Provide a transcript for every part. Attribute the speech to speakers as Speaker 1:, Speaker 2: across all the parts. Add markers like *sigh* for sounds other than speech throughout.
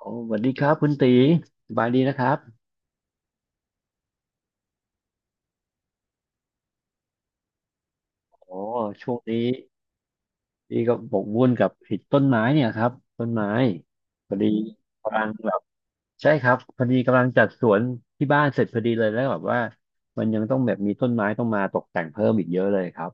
Speaker 1: โอ้สวัสดีครับคุณตีสบายดีนะครับโอ้ช่วงนี้พี่ก็บกวุ่นกับผิดต้นไม้เนี่ยครับต้นไม้พอดีกำลังแบบใช่ครับพอดีกำลังจัดสวนที่บ้านเสร็จพอดีเลยแล้วแบบว่ามันยังต้องแบบมีต้นไม้ต้องมาตกแต่งเพิ่มอีกเยอะเลยครับ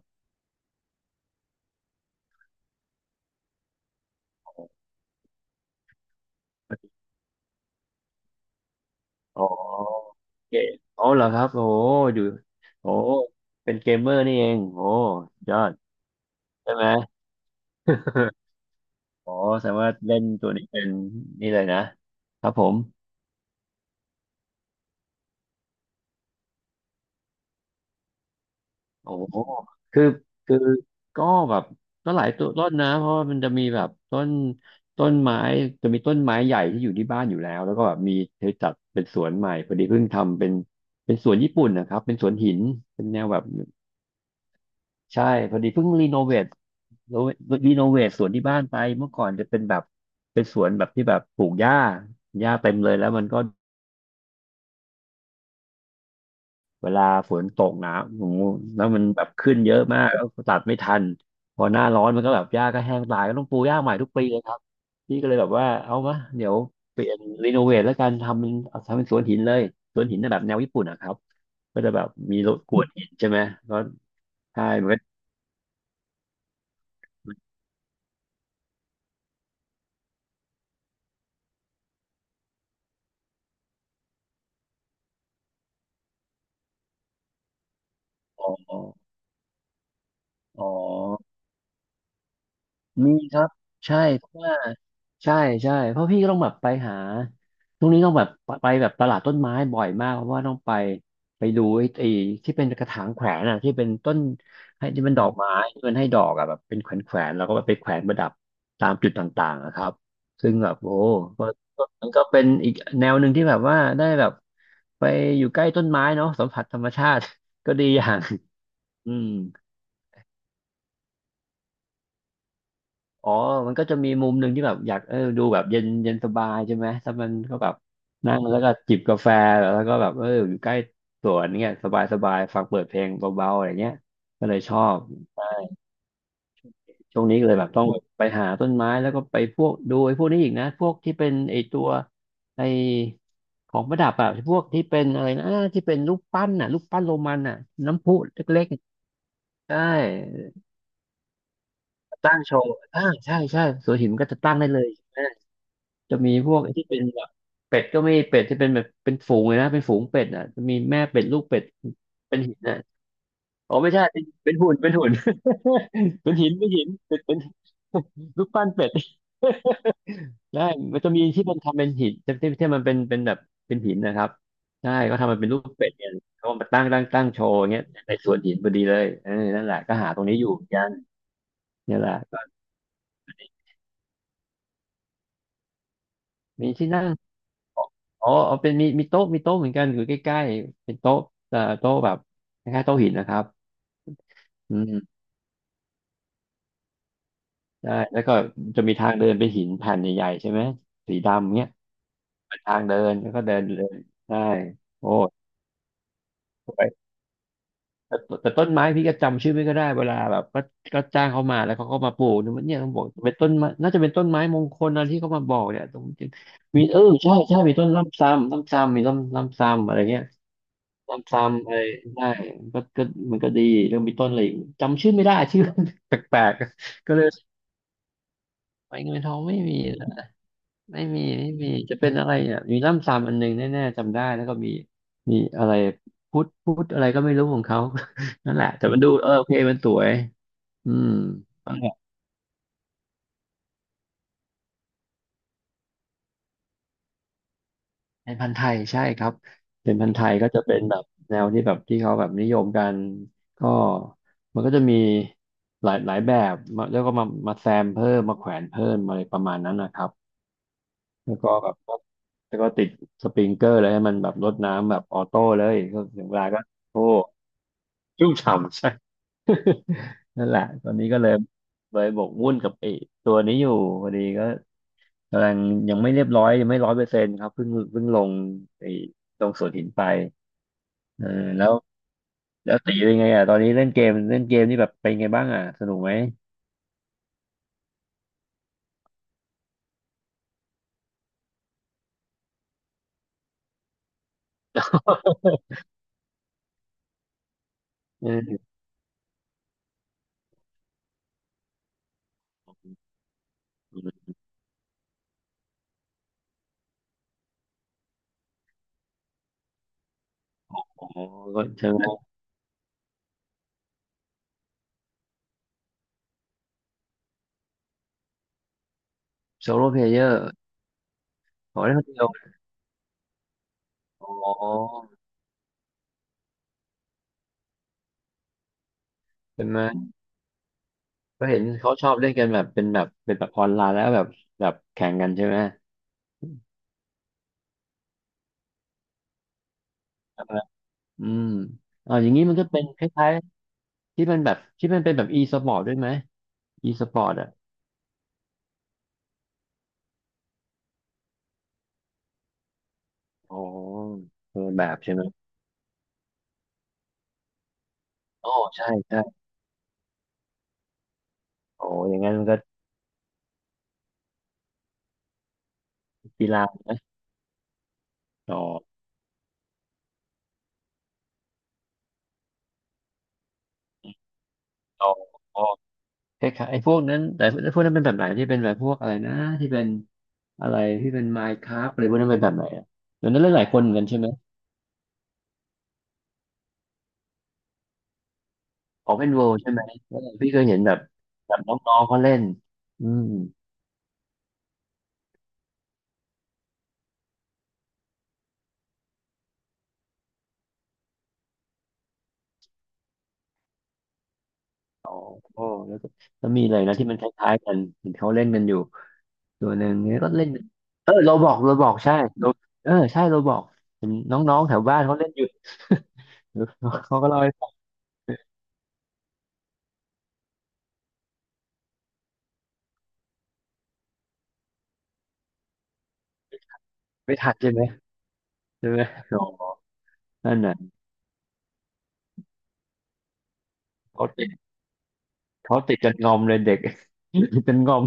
Speaker 1: อ๋อโอเคอ๋อเหรอครับโอ้อยู่โอ้เป็นเกมเมอร์นี่เองโอ้ยอดใช่ไหม *laughs* อ๋อแสดงว่าเล่นตัวนี้เป็นนี่เลยนะครับผม โอ้โหคือคือก็แบบก็หลายตัวต้นนะเพราะว่ามันจะมีแบบต้นไม้จะมีต้นไม้ใหญ่ที่อยู่ที่บ้านอยู่แล้วแล้วก็แบบมีเธอจัดเป็นสวนใหม่พอดีเพิ่งทำเป็นเป็นสวนญี่ปุ่นนะครับเป็นสวนหินเป็นแนวแบบใช่พอดีเพิ่งรีโนเวทรีโนเวทสวนที่บ้านไปเมื่อก่อนจะเป็นแบบเป็นสวนแบบที่แบบปลูกหญ้าหญ้าเต็มเลยแล้วมันก็ เวลาฝนตกหนาโอ้โหแล้วมันแบบขึ้นเยอะมากแล้วตัดไม่ทัน พอหน้าร้อนมันก็แบบหญ้าก็แห้งตายก็ต้องปลูกหญ้าใหม่ทุกปีเลยครับ พี่ก็เลยแบบว่าเอามาเดี๋ยวเปลี่ยนรีโนเวทแล้วกัน ทำเป็นทำเป็นสวนหินเลย สวนหินน่ะแบบแนวญี่ปุ่นนะครับก็จะแบบมีรถกวนหินใช่ไหมก็ใช่มันก็อ๋ออ๋อ มีครับใช่เพราะว่าใช่ใช่เพราะพี่ก็ต้องแบบไปหาช่วงนี้ต้องแบบไปแบบตลาดต้นไม้บ่อยมากเพราะว่าต้องไปไปดูไอ้ที่เป็นกระถางแขวนอ่ะที่เป็นต้นให้ที่เป็นดอกไม้ที่มันให้ดอกอ่ะแบบเป็นแขวนแขวนแล้วก็ไปแขวนประดับตามจุดต่างๆนะครับซึ่งแบบโอ้ก็ก็มันก็เป็นอีกแนวหนึ่งที่แบบว่าได้แบบไปอยู่ใกล้ต้นไม้เนาะสัมผัสธรรมชาติ *laughs* ก็ดีอย่างอืม อ๋อมันก็จะมีมุมหนึ่งที่แบบอยากดูแบบเย็นเย็นสบายใช่ไหม ถ้ามันก็แบบนั่งแล้วก็จิบกาแฟแล้วก็แบบอยู่ใกล้สวนเนี่ยสบายสบายฟังเปิดเพลงเบาๆอะไรเงี้ยก็เลยชอบใช่ช่วงนี้ก็เลยแบบต้องไปหาต้นไม้แล้วก็ไปพวกดูไอ้พวกนี้อีกนะพวกที่เป็นไอ้ตัวไอ้ของประดับอะพวกที่เป็นอะไรนะที่เป็นรูปปั้นอะรูปปั้นโรมันอะน้ำพุเล็กๆใช่ตั้งโชว์อ่าใช่ใช่สวนหินมันก็จะตั้งได้เลย จะมีพวกที่เป็นแบบเป็ดก็มีเป็ดที่เป็นแบบเป็นฝูงเลยนะเป็นฝูงเป็ดอ่ะจะมีแม่เป็ดลูกเป็ดเป็นหินอ่ะอ๋อไม่ใช่เป็นเป็นหุ่นเป็นหุ่น *laughs* เป็นหินเป็นหินเป็ดเป็น *laughs* รูปปั้นเป็ด *laughs* ใช่มันจะมีที่มันทำเป็นหินที่ที่มันเป็นเป็นแบบเป็นหินนะครับใช่ก็ทำมันเป็นรูปเป็ดเนี่ยเขามาตั้งโชว์อย่างเงี้ยในสวนหินพอดีเลยเออนั่นแหละก็หาตรงนี้อยู่เหมือนกันเนี่ยแหละก็มีที่นั่ง อ๋อเอาเป็นมีโต๊ะมีโต๊ะเหมือนกันอยู่ใกล้ๆเป็นโต๊ะโต๊ะแบบคล้ายๆโต๊ะหินนะครับอืมใช่แล้วก็จะมีทางเดินเป็นหินแผ่นใหญ่ๆใช่ไหมสีดำเงี้ยเป็นทางเดินแล้วก็เดินเดินได้โอ้สวยแต่แต่ต้นไม้พี่ก็จำชื่อไม่ก็ได้เวลาแบบก็ก็จ้างเขามาแล้วเขาก็มาปลูกเนี่ยมันเนี่ยเขาบอกเป็นต้นไม้น่าจะเป็นต้นไม้มงคลอะไรที่เขามาบอกเนี่ยตรงมีเออใช่ใช่มีต้นล่ำซ้ำล่ำซ้ำมีล่ำล่ำซ้ำอะไรเงี้ย ซ้ำๆอะไรได้ก็ก็มันก็ดีเรื่องมีต้นอะไรอีกจำชื่อไม่ได้ชื่อ *laughs* แปลกๆก็เลยไปเงินทองไม่มีละไม่มีไม่มีจะเป็นอะไรเนี่ยมีล่ำซ้ำอันหนึงแน่ๆจำได้แล้วก็มีมีอะไรพุทธอะไรก็ไม่รู้ของเขา *laughs* นั่นแหละแต่มันดูเออโอเคมันสวยอืม เป็นพันธุ์ไทยใช่ครับเป็นพันธุ์ไทยก็จะเป็นแบบแนวที่แบบที่เขาแบบนิยมกันก็มันก็จะมีหลายหลายแบบมาแล้วก็มามาแซมเพิ่มมาแขวนเพิ่มอะไรประมาณนั้นนะครับแล้วก็แบบแล้วก็ติดสปริงเกอร์เลยให้มันแบบรดน้ำแบบออโต้เลยก็ถึงเวลาก็โอ้ชุ่มฉ่ำใช่ *laughs* นั่นแหละตอนนี้ก็เลยบกวุ่นกับไอ้ตัวนี้อยู่พอดีก็กำลังยังไม่เรียบร้อยยังไม่ร้อยเปอร์เซ็นต์ครับเพิ่งลงไอ้ลงสวนหินไป เออแล้วแล้วตีเป็นไงอ่ะตอนนี้เล่นเกมนี่แบบเป็นไงบ้างอ่ะสนุกไหมเอออ๋อก็เชิงโซโล่เพลเยอร์ขอเล่นคนเดียวอ๋อเป็นไหมก็เห็นเขาชอบเล่นกันแบบเป็นแบบเป็นแบบออนไลน์แล้วแบบแบบแข่งกันใช่ไหมอืมอ๋ออย่างนี้มันก็เป็นคล้ายๆที่มันแบบที่มันเป็นแบบ e สปอร์ตด้วยไหม e สปอร์ตอ่ะอ๋อคนละแบบใช่ไหมอ๋อใช่ใช่อ๋ออย่างงั้นมันก็กีฬาต่อต่อ คล้ายๆไอ้พวกนั้นแต่พวกนั้นเป็นแบบไหนที่เป็นแบบพวกอะไรนะที่เป็นอะไรที่เป็น Minecraft อะไรพวกนั้นเป็นแบบไหนอ่ะเดี๋ยวนั้นเล่นหลายคนเหมือนกันใช่ไหมออเพนเวใช่ไหมเออพี่เคยเห็นแบบแบบน้องๆเขาเล่นอืมอ๋อแล้วก็แล้วมีอะไรนะที่มันคล้ายๆกันเห็นเขาเล่นกันอยู่ตัวหนึ่งเนี่ยก็เล่นเออเราบอกใช่ Ro- เออใช่เราบอกเห็นน้องๆแถวบ้านเขาเล่นอยู่ *laughs* เขาก็เล่าให้ฟังไม่ทันใช่ไหมใช่ไหมอ๋อนั่นน่ะ เขาติดจนงอมเลยเด็ก *laughs* ติดจนงอม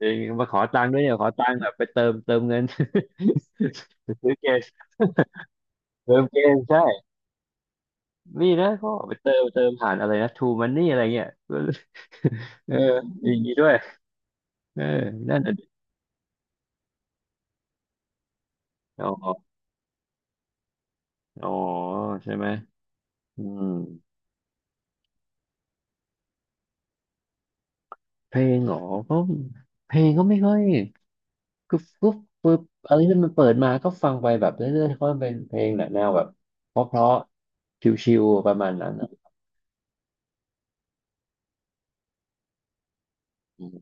Speaker 1: จริงมาขอตังค์ด้วยเนี่ยขอตังค์แบบไปเติมเงิน *laughs* ไปซื้อเกม *laughs* เติมเกมใช่นี่นะเขาบอกไปเติมผ่านอะไรนะทูมันนี่อะไรเงี้ย *laughs* เอออย่างนี้ด้วยเออนั่นน่ะดิอ๋ออ๋อใช่ไหมอืมเพลงเหรอก็เพลงก็ไม่ค่อยกรุ๊บกรุ๊บป๊บอะไรที่มันเปิดมาก็ฟังไปแบบเรื่อยๆเพราะมันเป็นเพลงแนวแบบเพราะๆชิวๆประมาณนั้นอะ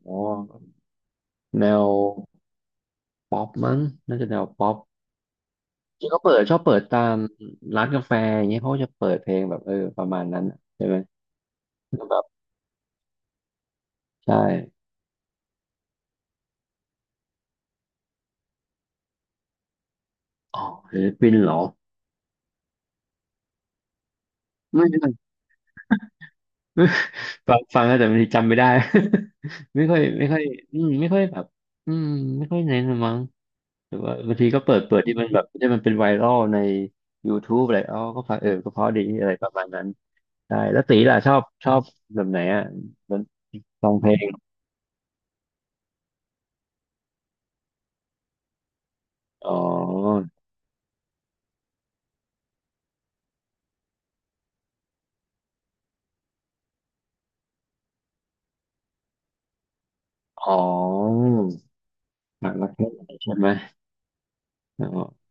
Speaker 1: อ๋อ แนวป๊อปมั้งน่าจะแนวป๊อปที่เขาเปิดชอบเปิดตามร้านกาแฟอย่างเงี้ยเขาก็จะเปิดเพลงแบบเออประมาณนั้นน่ะใช่ไหมก็แบบใช่อ๋อศิลปินเหรอไม่ไม่ไม่ฟังแล้วแต่บางทีจำไม่ได้ *laughs* ไม่ค่อยอืมไม่ค่อยแบบอืมไม่ค่อยเน้นละมั้งหรือว่าบางทีก็เปิดที่มันแบบที่มันเป็นไวรัลใน YouTube อะไรอ๋อก็ฟังเออก็เพราะดีอะไรประมาณนั้นใช่แล้วตีล่ะชอบแบบไหนอ่ะฟองเพลงอ๋อ อ๋อหนักรักแค่ไหนใช่ไหมอ๋อ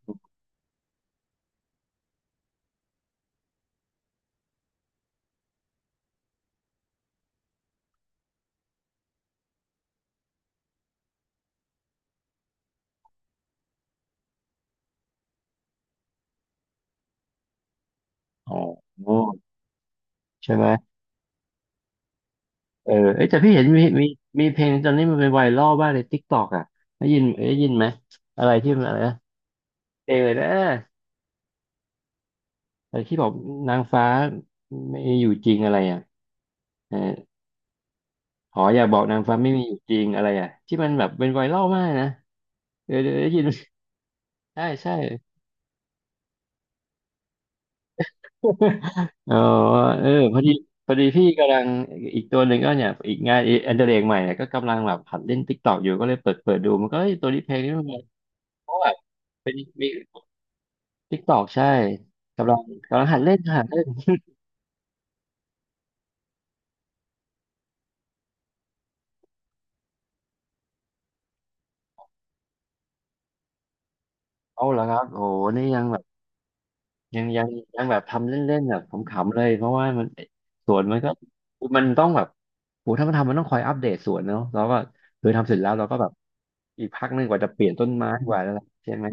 Speaker 1: อ๋อใช่ไหมเออเอ้ยแต่พี่เห็นมีเพลงตอนนี้มันเป็นไวรัลบ้างในทิกตอกอ่ะได้ยินไหมอะไรที่มันอะไรนะเพลงอะไรนะอะไรที่บอกนางฟ้าไม่อยู่จริงอะไรอ่ะเออขออย่าบอกนางฟ้าไม่มีอยู่จริงอะไรอ่ะที่มันแบบเป็นไวรัลมากนะเออเออได้ยิน *laughs* ใช่ใช่ อ๋อเออพอดีพี่กำลังอีกตัวหนึ่งก็เนี่ยอีกงานอันเดอร์เรกใหม่เนี่ยก็กำลังแบบหัดเล่นติ๊กตอกอยู่ก็เลยเปิดดูมันก็เอ้ยตัวนี้เพลงนี้มันเพราะแบบเป็นมีติ๊กตอกใช่กำลังกำลังหัดเล่นเอาเหรอครับโอ้โหนี่ยังแบบยังยังยังแบบทำเล่นๆแบบขำๆเลยเพราะว่ามันสวนมันก็มันต้องแบบโอ้ถ้ามันทำมันต้องคอยอัปเดตสวนเนาะแล้วก็เออทำเสร็จแล้วเราก็แบบอีกพักหนึงกว่าจะเปลี่ยนต้นไม้กว่าแล้วใช่ไหม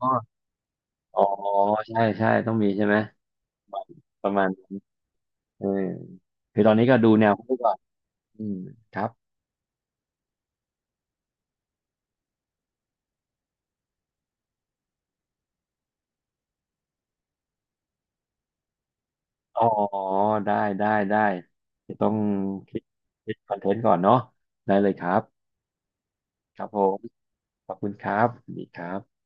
Speaker 1: อ๋ออ๋อใช่ใช่ต้องมีใช่ไหม ประมาณนั้นเออคือตอนนี้ก็ดูแนวเขาไปก่อนอืมครับอ๋อ ได้ ได้ ได้ จะต้องคิดคิดคอนเทนต์ก่อนเนาะได้เลยครับครับผมขอบคุณครับสวัสดีครับ